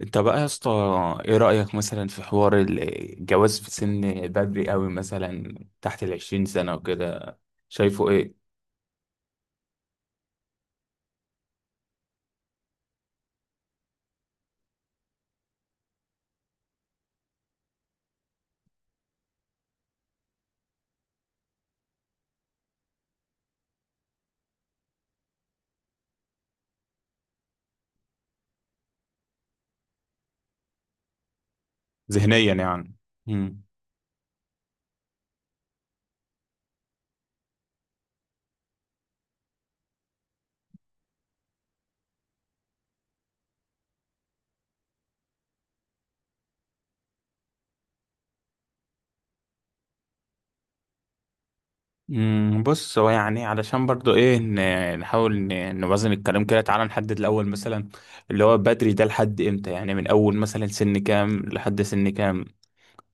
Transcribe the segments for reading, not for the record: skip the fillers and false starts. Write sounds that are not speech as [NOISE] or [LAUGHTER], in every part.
انت بقى يا اسطى، ايه رأيك مثلا في حوار الجواز في سن بدري قوي مثلا؟ تحت العشرين سنة وكده، شايفه ايه؟ ذهنيا يعني. مم. مم، بص هو يعني علشان برضو ايه نحاول نوازن الكلام كده. تعالى نحدد الاول مثلا اللي هو بدري ده لحد امتى، يعني من اول مثلا سن كام لحد سن كام،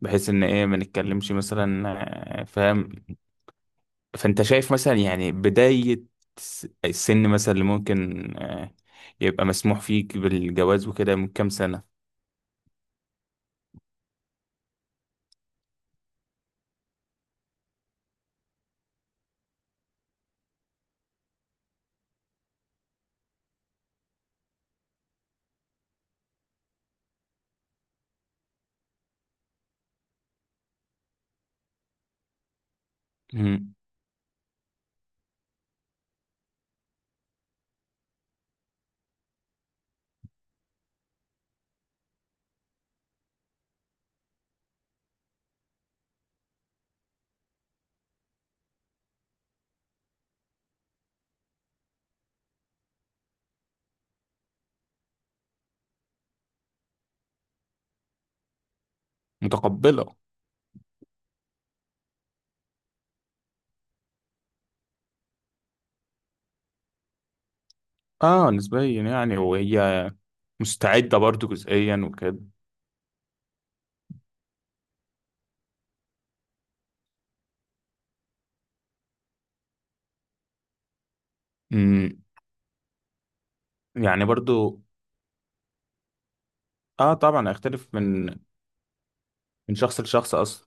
بحيث ان ايه ما نتكلمش مثلا. فاهم. فانت شايف مثلا يعني بداية السن مثلا اللي ممكن يبقى مسموح فيك بالجواز وكده من كام سنة؟ مم. متقبلة. اه نسبيا يعني، وهي مستعدة برضو جزئيا وكده. مم. يعني برضو اه طبعا هيختلف من شخص لشخص اصلا.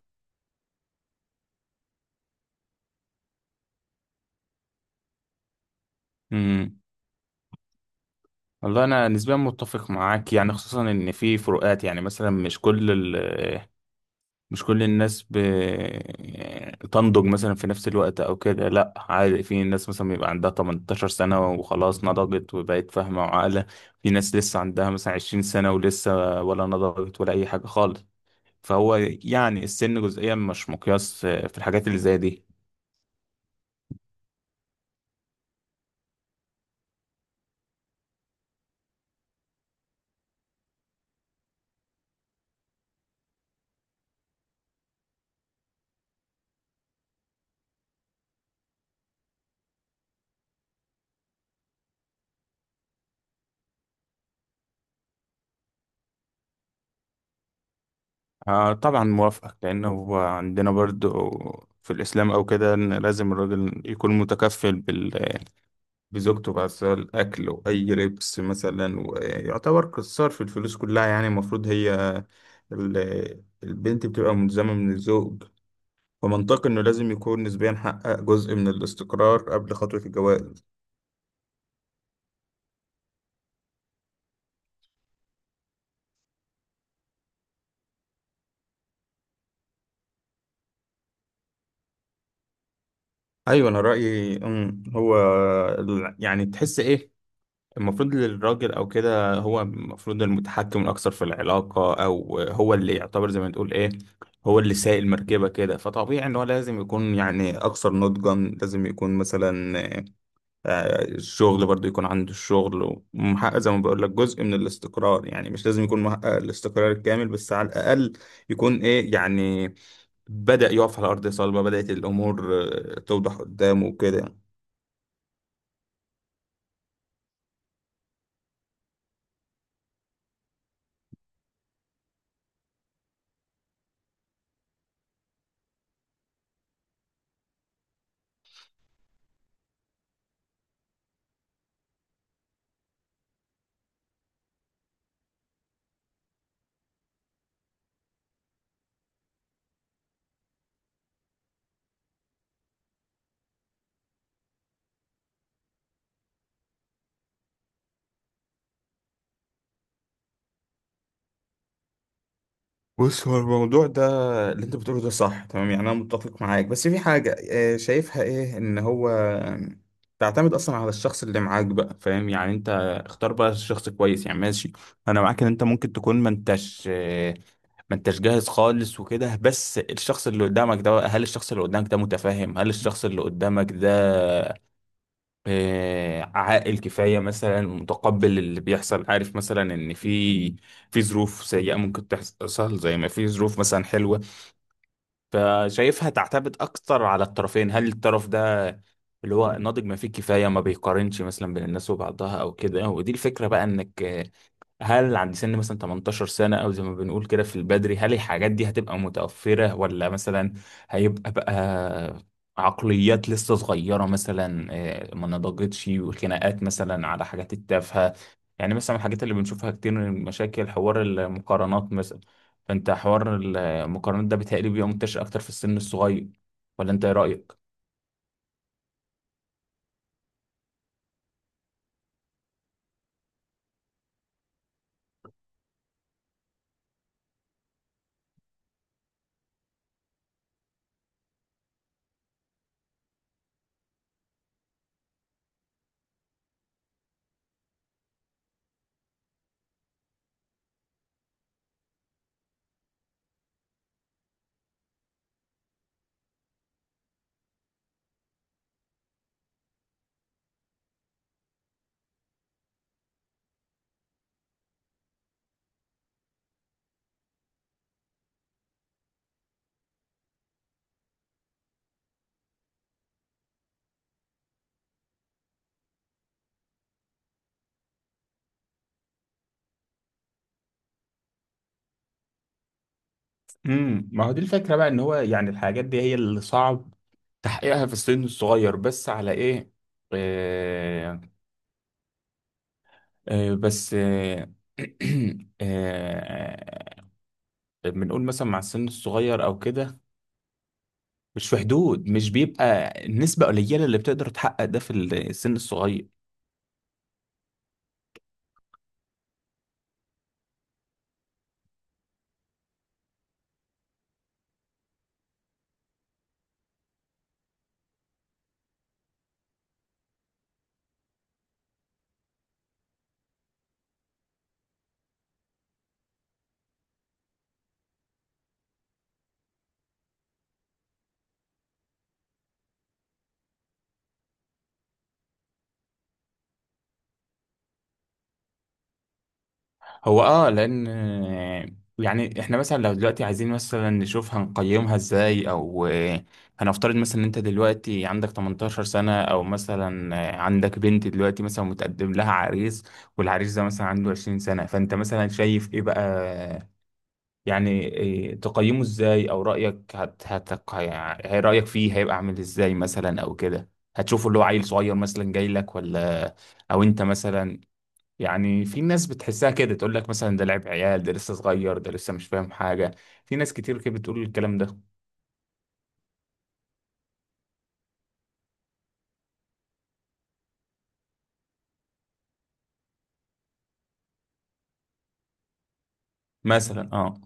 مم. والله انا نسبيا متفق معاك يعني، خصوصا ان في فروقات. يعني مثلا مش كل الناس تنضج مثلا في نفس الوقت او كده. لا عادي، في ناس مثلا بيبقى عندها 18 سنة وخلاص نضجت وبقت فاهمة وعاقلة، في ناس لسه عندها مثلا 20 سنة ولسه ولا نضجت ولا اي حاجة خالص. فهو يعني السن جزئيا مش مقياس في الحاجات اللي زي دي. طبعا موافقك، لأن هو عندنا برضو في الإسلام أو كده إن لازم الراجل يكون متكفل بزوجته بقى، سواء الأكل وأي لبس مثلا، ويعتبر قصار في الفلوس كلها. يعني المفروض هي البنت بتبقى ملزمة من الزوج. فمنطقي إنه لازم يكون نسبيا حقق جزء من الاستقرار قبل خطوة الجواز. أيوة، أنا رأيي هو يعني تحس إيه المفروض للراجل او كده. هو المفروض المتحكم الاكثر في العلاقه، او هو اللي يعتبر زي ما تقول ايه، هو اللي سايق المركبه كده. فطبيعي ان هو لازم يكون يعني اكثر نضجا، لازم يكون مثلا الشغل برضو، يكون عنده الشغل ومحقق زي ما بقول لك جزء من الاستقرار. يعني مش لازم يكون محقق الاستقرار الكامل، بس على الاقل يكون ايه يعني بدأ يقف على ارض صلبه، بدأت الامور توضح قدامه وكده. بص هو الموضوع ده اللي انت بتقوله ده صح تمام، يعني انا متفق معاك. بس في حاجة شايفها ايه، ان هو تعتمد اصلا على الشخص اللي معاك بقى، فاهم؟ يعني انت اختار بقى الشخص كويس يعني، ماشي. انا معاك ان انت ممكن تكون ما انتش جاهز خالص وكده، بس الشخص اللي قدامك ده بقى، هل الشخص اللي قدامك ده متفاهم؟ هل الشخص اللي قدامك ده عاقل كفاية مثلا، متقبل اللي بيحصل، عارف مثلا ان في ظروف سيئة ممكن تحصل زي ما في ظروف مثلا حلوة. فشايفها تعتمد اكتر على الطرفين، هل الطرف ده اللي هو ناضج ما فيه كفاية، ما بيقارنش مثلا بين الناس وبعضها او كده. ودي الفكرة بقى، انك هل عند سن مثلا 18 سنة، أو زي ما بنقول كده في البدري، هل الحاجات دي هتبقى متوفرة، ولا مثلا هيبقى بقى عقليات لسه صغيرة مثلا ما نضجتش، وخناقات مثلا على حاجات التافهة. يعني مثلا الحاجات اللي بنشوفها كتير من مشاكل، حوار المقارنات مثلا. فأنت حوار المقارنات ده بيتهيألي بيبقى منتشر أكتر في السن الصغير، ولا أنت إيه رأيك؟ ما هو دي الفكرة بقى، إن هو يعني الحاجات دي هي اللي صعب تحقيقها في السن الصغير، بس على ايه آه بس [CLEARS THROAT] آه بنقول مثلا مع السن الصغير او كده، مش في حدود، مش بيبقى النسبة قليلة اللي بتقدر تحقق ده في السن الصغير. هو لان يعني احنا مثلا لو دلوقتي عايزين مثلا نشوف هنقيمها ازاي او هنفترض مثلا ان انت دلوقتي عندك 18 سنة، او مثلا عندك بنت دلوقتي مثلا متقدم لها عريس، والعريس ده مثلا عنده 20 سنة، فانت مثلا شايف ايه بقى؟ يعني إيه تقيمه ازاي او رأيك يعني رأيك فيه هيبقى عامل ازاي مثلا او كده؟ هتشوفه اللي هو عيل صغير مثلا جاي لك، ولا او انت مثلا، يعني في ناس بتحسها كده، تقول لك مثلا ده لعب عيال، ده لسه صغير، ده لسه مش فاهم حاجة. في ناس كتير كده بتقول الكلام ده مثلا. اه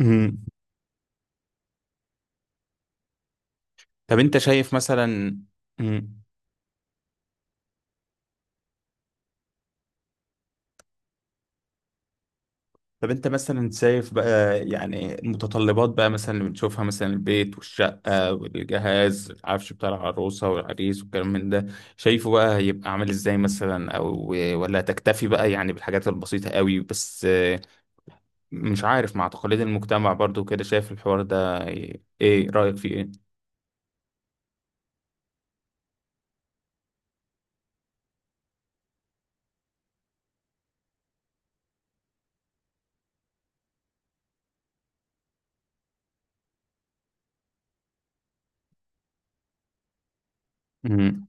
مم. طب انت شايف مثلا. مم. طب انت مثلا شايف بقى يعني المتطلبات بقى، مثلا اللي بنشوفها مثلا، البيت والشقة والجهاز، العفش بتاع العروسة والعريس والكلام من ده، شايفه بقى هيبقى عامل ازاي مثلا، او ولا تكتفي بقى يعني بالحاجات البسيطة قوي بس؟ مش عارف، مع تقاليد المجتمع برضو كده، شايف الحوار ده ايه، ايه رأيك فيه؟ ايه؟